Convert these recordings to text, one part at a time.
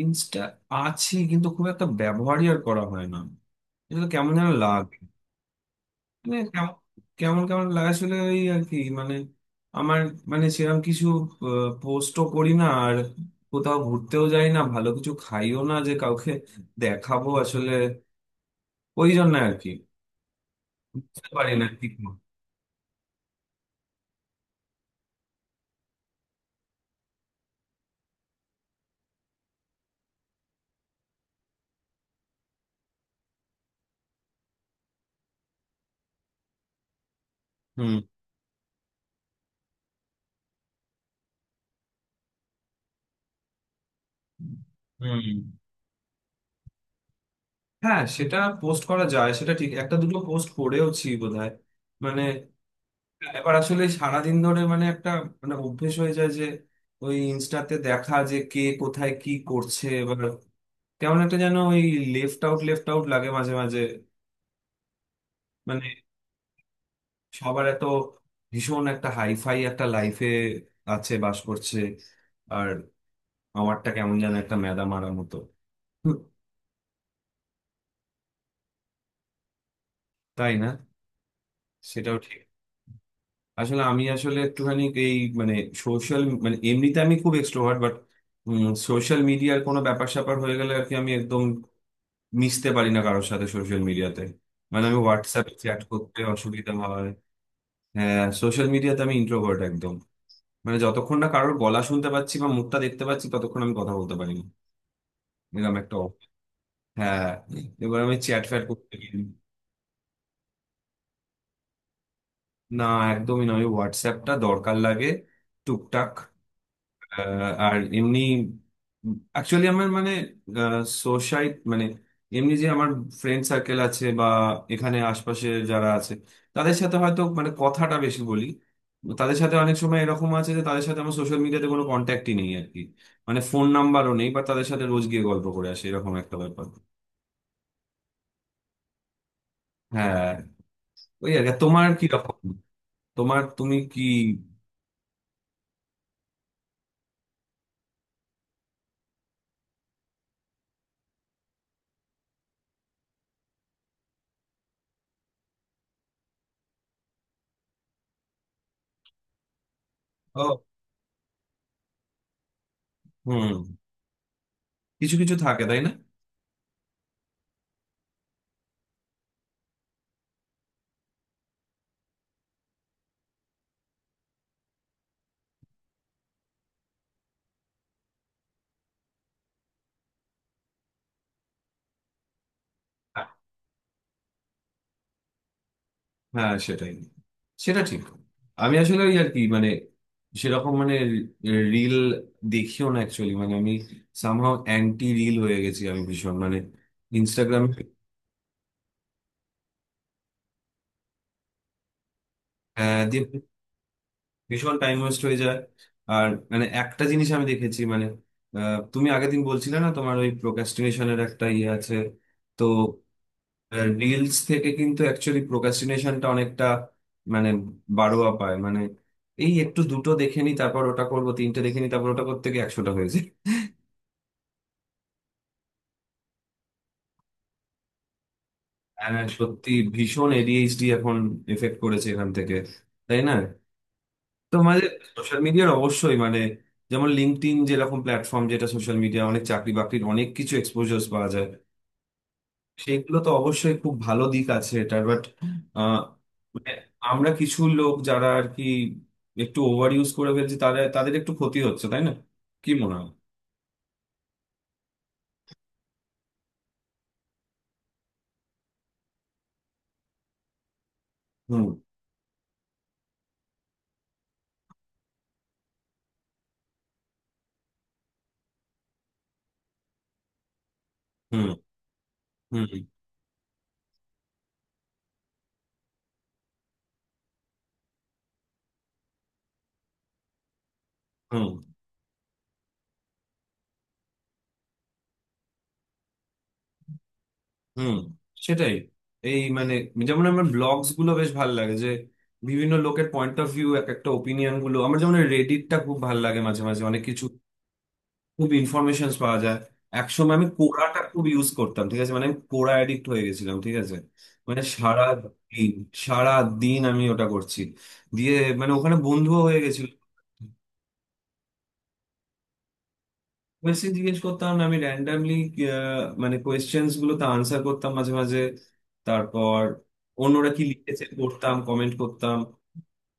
Insta আছে কিন্তু খুব একটা ব্যবহারই আর করা হয় না। এটা তো কেমন যেন লাগে। মানে কেমন কেমন কেমন লাগে আসলে, ওই আর কি। আমার সেরকম কিছু পোস্টও করি না আর, কোথাও ঘুরতেও যাই না, ভালো কিছু খাইও না যে কাউকে দেখাবো আসলে। ওই জন্য আর কি, বুঝতে পারি না ঠিক মতো। হুম। হুম। হ্যাঁ, সেটা পোস্ট করা যায়, সেটা ঠিক। একটা দুটো পোস্ট করেওছি বোধহয়। মানে এবার আসলে সারাদিন ধরে মানে একটা মানে অভ্যেস হয়ে যায় যে ওই ইনস্টাতে দেখা যে কে কোথায় কি করছে। এবার কেমন একটা যেন ওই লেফট আউট লেফট আউট লাগে মাঝে মাঝে। মানে সবার এত ভীষণ একটা হাইফাই একটা লাইফে আছে, বাস করছে, আর আমারটা কেমন যেন একটা মেদা মারা মতো। হুম, তাই না? সেটাও ঠিক। আসলে আমি আসলে একটুখানি এই মানে সোশ্যাল, মানে এমনিতে আমি খুব এক্সট্রোভার্ট, বাট সোশ্যাল মিডিয়ার কোনো ব্যাপার স্যাপার হয়ে গেলে আর কি আমি একদম মিশতে পারি না কারোর সাথে সোশ্যাল মিডিয়াতে। মানে আমি হোয়াটসঅ্যাপে চ্যাট করতে অসুবিধা হয়। হ্যাঁ, সোশ্যাল মিডিয়াতে আমি ইন্ট্রোভার্ট একদম। মানে যতক্ষণ না কারোর গলা শুনতে পাচ্ছি বা মুখটা দেখতে পাচ্ছি ততক্ষণ আমি কথা বলতে পারি না। এরকম একটা অব-। হ্যাঁ। এবার আমি চ্যাট ফ্যাট করতে পারি না। না, একদমই না। আমি হোয়াটসঅ্যাপটা দরকার লাগে টুকটাক। আহ, আর এমনি অ্যাকচুয়ালি আমার সোসাইটি, মানে এমনি যে আমার ফ্রেন্ড সার্কেল আছে বা এখানে আশপাশে যারা আছে তাদের সাথে হয়তো কথাটা বেশি বলি। তাদের সাথে অনেক সময় এরকম আছে যে তাদের সাথে আমার সোশ্যাল মিডিয়াতে কোনো কন্ট্যাক্টই নেই আর কি। মানে ফোন নাম্বারও নেই, বা তাদের সাথে রোজ গিয়ে গল্প করে আসি এরকম একটা ব্যাপার। হ্যাঁ, ওই আর কি। আর তোমার কি রকম? তুমি কি? ও, হুম। কিছু কিছু থাকে, তাই না? হ্যাঁ সেটাই, সেটা ঠিক। আমি আসলে ওই আর কি, মানে সেরকম মানে রিল দেখিও না অ্যাকচুয়ালি। মানে আমি সামহাও অ্যান্টি রিল হয়ে গেছি আমি, ভীষণ। মানে ইনস্টাগ্রাম দিয়ে ভীষণ টাইম ওয়েস্ট হয়ে যায়। আর মানে একটা জিনিস আমি দেখেছি, তুমি আগের দিন বলছিলে না তোমার ওই প্রোক্রাস্টিনেশনের একটা ইয়ে আছে? তো রিলস থেকে কিন্তু অ্যাকচুয়ালি প্রোক্রাস্টিনেশনটা অনেকটা মানে বাড়োয়া পায়। মানে এই একটু দুটো দেখে নি তারপর ওটা করবো, তিনটে দেখে নি তারপর ওটা, করতে গিয়ে একশোটা হয়েছে। হ্যাঁ হ্যাঁ, সত্যি ভীষণ এডিএইচডি এখন এফেক্ট করেছে এখান থেকে, তাই না? তোমাদের সোশ্যাল মিডিয়ার অবশ্যই, মানে যেমন লিঙ্কডইন যেরকম প্ল্যাটফর্ম, যেটা সোশ্যাল মিডিয়া, অনেক চাকরি বাকরির অনেক কিছু এক্সপোজার পাওয়া যায়, সেগুলো তো অবশ্যই খুব ভালো দিক আছে এটা, বাট মানে আমরা কিছু লোক যারা আর কি একটু ওভার ইউজ করে ফেলছি, তাদের তাদের একটু ক্ষতি হচ্ছে, তাই না? কি মনে হয়? হুম। হুম। হুম। হুম। হুম সেটাই। এই মানে যেমন আমার ব্লগস গুলো বেশ ভালো লাগে, যে বিভিন্ন লোকের পয়েন্ট অফ ভিউ, এক একটা ওপিনিয়ন গুলো। আমার যেমন রেডিটটা খুব ভালো লাগে মাঝে মাঝে, অনেক কিছু খুব ইনফরমেশন পাওয়া যায়। একসময় আমি কোরাটা খুব ইউজ করতাম, ঠিক আছে? মানে আমি কোরা অ্যাডিক্ট হয়ে গেছিলাম, ঠিক আছে? সারা দিন, সারা দিন আমি ওটা করছি। দিয়ে মানে ওখানে বন্ধুও হয়ে গেছিল। কোয়েশ্চেন জিজ্ঞেস করতাম না, আমি র্যান্ডামলি কোয়েশ্চেন্স গুলো তো আনসার করতাম মাঝে মাঝে, তারপর অন্যরা কি লিখেছে পড়তাম, কমেন্ট করতাম।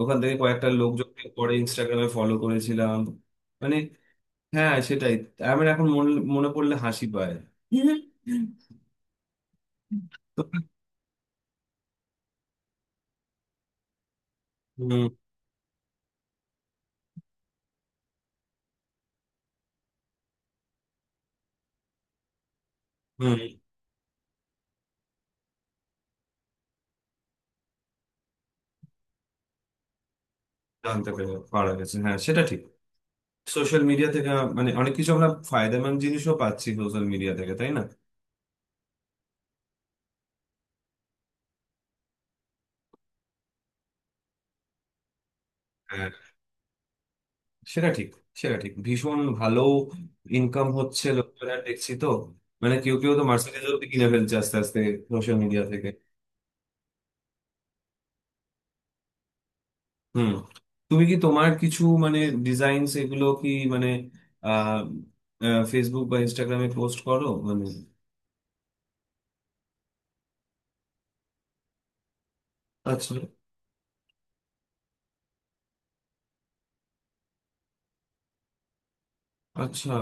ওখান থেকে কয়েকটা লোকজনকে পরে ইনস্টাগ্রামে ফলো করেছিলাম। মানে হ্যাঁ সেটাই। আমার এখন মনে মনে পড়লে হাসি পায়। হুম। হুম। জানতে পারা গেছে, হ্যাঁ সেটা ঠিক। সোশ্যাল মিডিয়া থেকে অনেক কিছু আমরা ফায়দামন্দ জিনিসও পাচ্ছি সোশ্যাল মিডিয়া থেকে, তাই না? হ্যাঁ সেটা ঠিক, সেটা ঠিক। ভীষণ ভালো ইনকাম হচ্ছে, লোকেরা দেখছি তো। মানে কেউ কেউ তো মার্সিডিজ অব্দি কিনে ফেলছে আস্তে আস্তে, সোশ্যাল মিডিয়া থেকে। হুম। তুমি কি তোমার কিছু ডিজাইন, এগুলো কি মানে আহ ফেসবুক বা ইনস্টাগ্রামে পোস্ট করো আচ্ছা। আচ্ছা।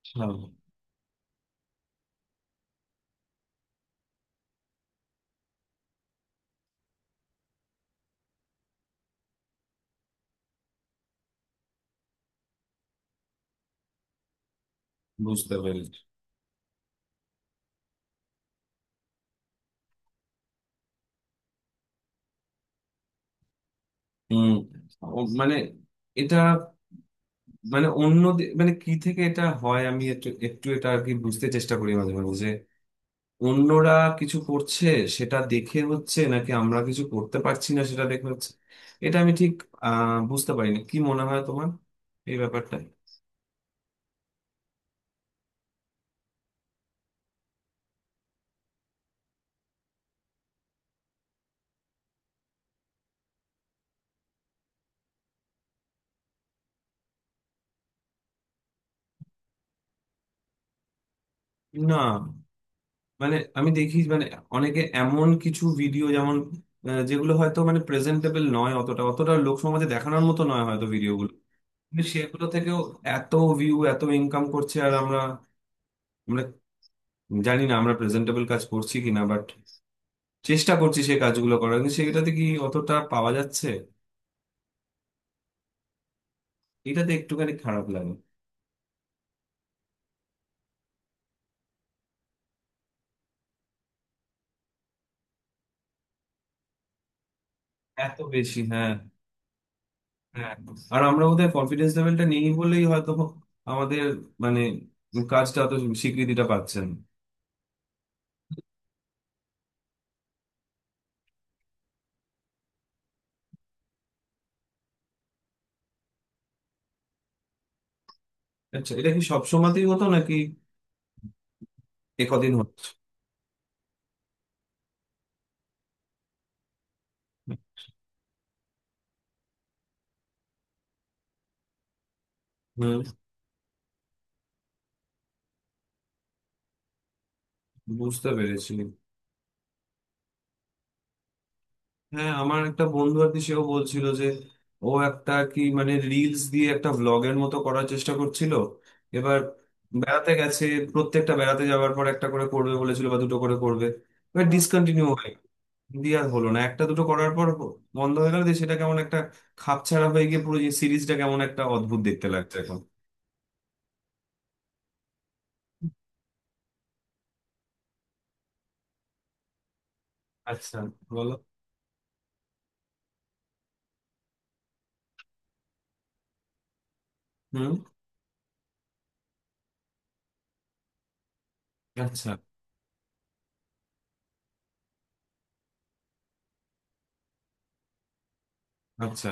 আচ্ছা। বুঝতে পেরেছি। উম, ও- মানে এটা অন্য দে- মানে কি থেকে এটা হয় আমি একটু একটু এটা আর কি বুঝতে চেষ্টা করি মাঝে মাঝে, যে অন্যরা কিছু করছে সেটা দেখে হচ্ছে নাকি আমরা কিছু করতে পারছি না সেটা দেখে হচ্ছে। এটা আমি ঠিক বুঝতে পারি না। কি মনে হয় তোমার এই ব্যাপারটা? না মানে আমি দেখি অনেকে এমন কিছু ভিডিও, যেগুলো হয়তো মানে প্রেজেন্টেবল নয় অতটা, অতটা লোক সমাজে দেখানোর মতো নয় হয়তো ভিডিওগুলো, কিন্তু সেগুলো থেকেও এত ভিউ, এত ইনকাম করছে। আর আমরা আমরা জানি না আমরা প্রেজেন্টেবল কাজ করছি কিনা, বাট চেষ্টা করছি সেই কাজগুলো করার, কিন্তু সেটাতে কি অতটা পাওয়া যাচ্ছে? এটাতে একটুখানি খারাপ লাগে। এত বেশি, হ্যাঁ। হ্যাঁ, আর আমরা ওদের কনফিডেন্স লেভেলটা নেই বলেই হয়তো আমাদের মানে কাজটা অত স্বীকৃতিটা পাচ্ছেন। আচ্ছা, এটা কি সব সময়তেই হতো, নাকি একদিন হতো? হম। বুঝতে পেরেছি। হ্যাঁ, আমার একটা বন্ধু আর কি, সেও বলছিল যে ও একটা আর কি রিলস দিয়ে একটা ভ্লগের মতো করার চেষ্টা করছিল। এবার বেড়াতে গেছে, প্রত্যেকটা বেড়াতে যাওয়ার পর একটা করে করবে বলেছিল বা দুটো করে করবে। এবার ডিসকন্টিনিউ হয়, দিয়ে আর হলো না একটা দুটো করার পর, বন্ধ হয়ে গেল। দিয়ে সেটা কেমন একটা খাপছাড়া হয়ে গিয়ে পুরো সিরিজটা কেমন একটা অদ্ভুত দেখতে লাগছে এখন। আচ্ছা, বলো। হুম। আচ্ছা। আচ্ছা।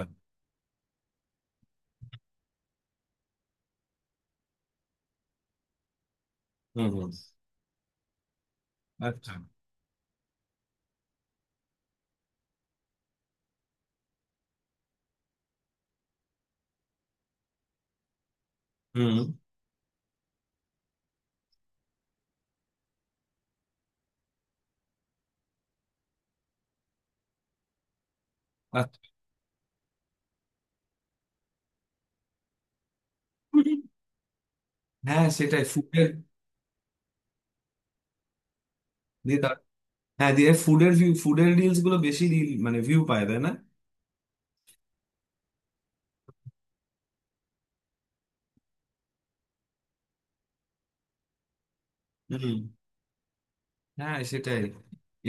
হুম। হুম। আচ্ছা। হুম। আচ্ছা। হ্যাঁ সেটাই, ফুটের। হ্যাঁ, দিয়ে ফুডের ভিউ, ফুডের রিলস গুলো বেশি রিল মানে ভিউ পায়, তাই না? হুম। হ্যাঁ সেটাই।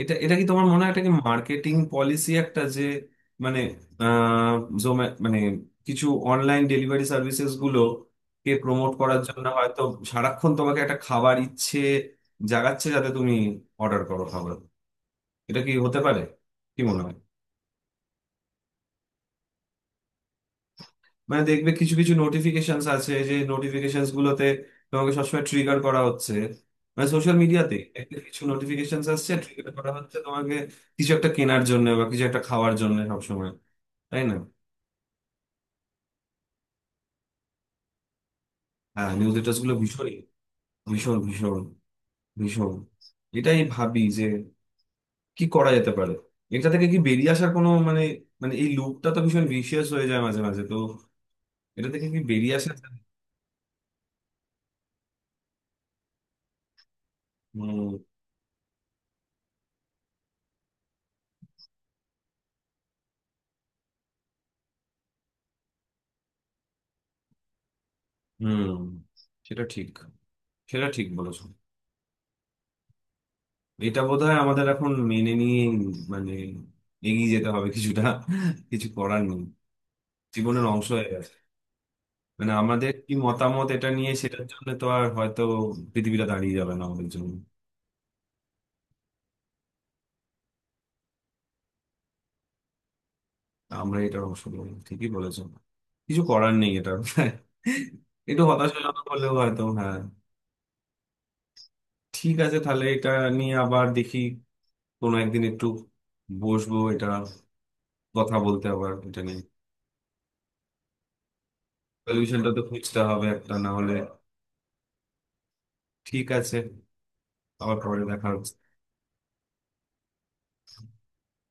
এটা এটা কি তোমার মনে হয় এটা কি মার্কেটিং পলিসি একটা, যে মানে আহ জোমা কিছু অনলাইন ডেলিভারি সার্ভিসেস গুলো কে প্রমোট করার জন্য হয়তো সারাক্ষণ তোমাকে একটা খাবার ইচ্ছে জাগাচ্ছে, যাতে তুমি অর্ডার করো খাবার? এটা কি হতে পারে? কি মনে হয়? দেখবে কিছু কিছু নোটিফিকেশন আছে, যে নোটিফিকেশন গুলোতে তোমাকে সবসময় ট্রিগার করা হচ্ছে, মানে সোশ্যাল মিডিয়াতে কিছু নোটিফিকেশন আসছে, ট্রিগার করা হচ্ছে তোমাকে কিছু একটা কেনার জন্য বা কিছু একটা খাওয়ার জন্য সবসময়, তাই না? হ্যাঁ, নিউজ লেটার্স গুলো ভীষণ, ভীষণ ভীষণ ভীষণ। এটাই ভাবি যে কি করা যেতে পারে, এটা থেকে কি বেরিয়ে আসার কোনো মানে মানে এই লুপটা তো ভীষণ ভিশিয়াস হয়ে যায় মাঝে মাঝে তো। এটা থেকে কি বেরিয়ে আসা যায়? হুম। হুম। সেটা ঠিক, সেটা ঠিক বলেছো। এটা বোধহয় আমাদের এখন মেনে নিয়ে মানে এগিয়ে যেতে হবে কিছুটা, কিছু করার নেই। জীবনের অংশ হয়ে গেছে। মানে আমাদের কি মতামত এটা নিয়ে সেটার জন্য তো আর হয়তো পৃথিবীটা দাঁড়িয়ে যাবে না আমাদের জন্য। আমরা এটার অংশ হবো। ঠিকই বলেছো, কিছু করার নেই এটা। একটু হতাশ হলাম হলেও, হয়তো হ্যাঁ। ঠিক আছে, তাহলে এটা নিয়ে আবার দেখি কোনো একদিন, একটু বসবো এটা, কথা বলতে আবার এটা নিয়ে। সলিউশনটা তো খুঁজতে হবে একটা, না হলে। ঠিক আছে, আবার পরে দেখা হচ্ছে।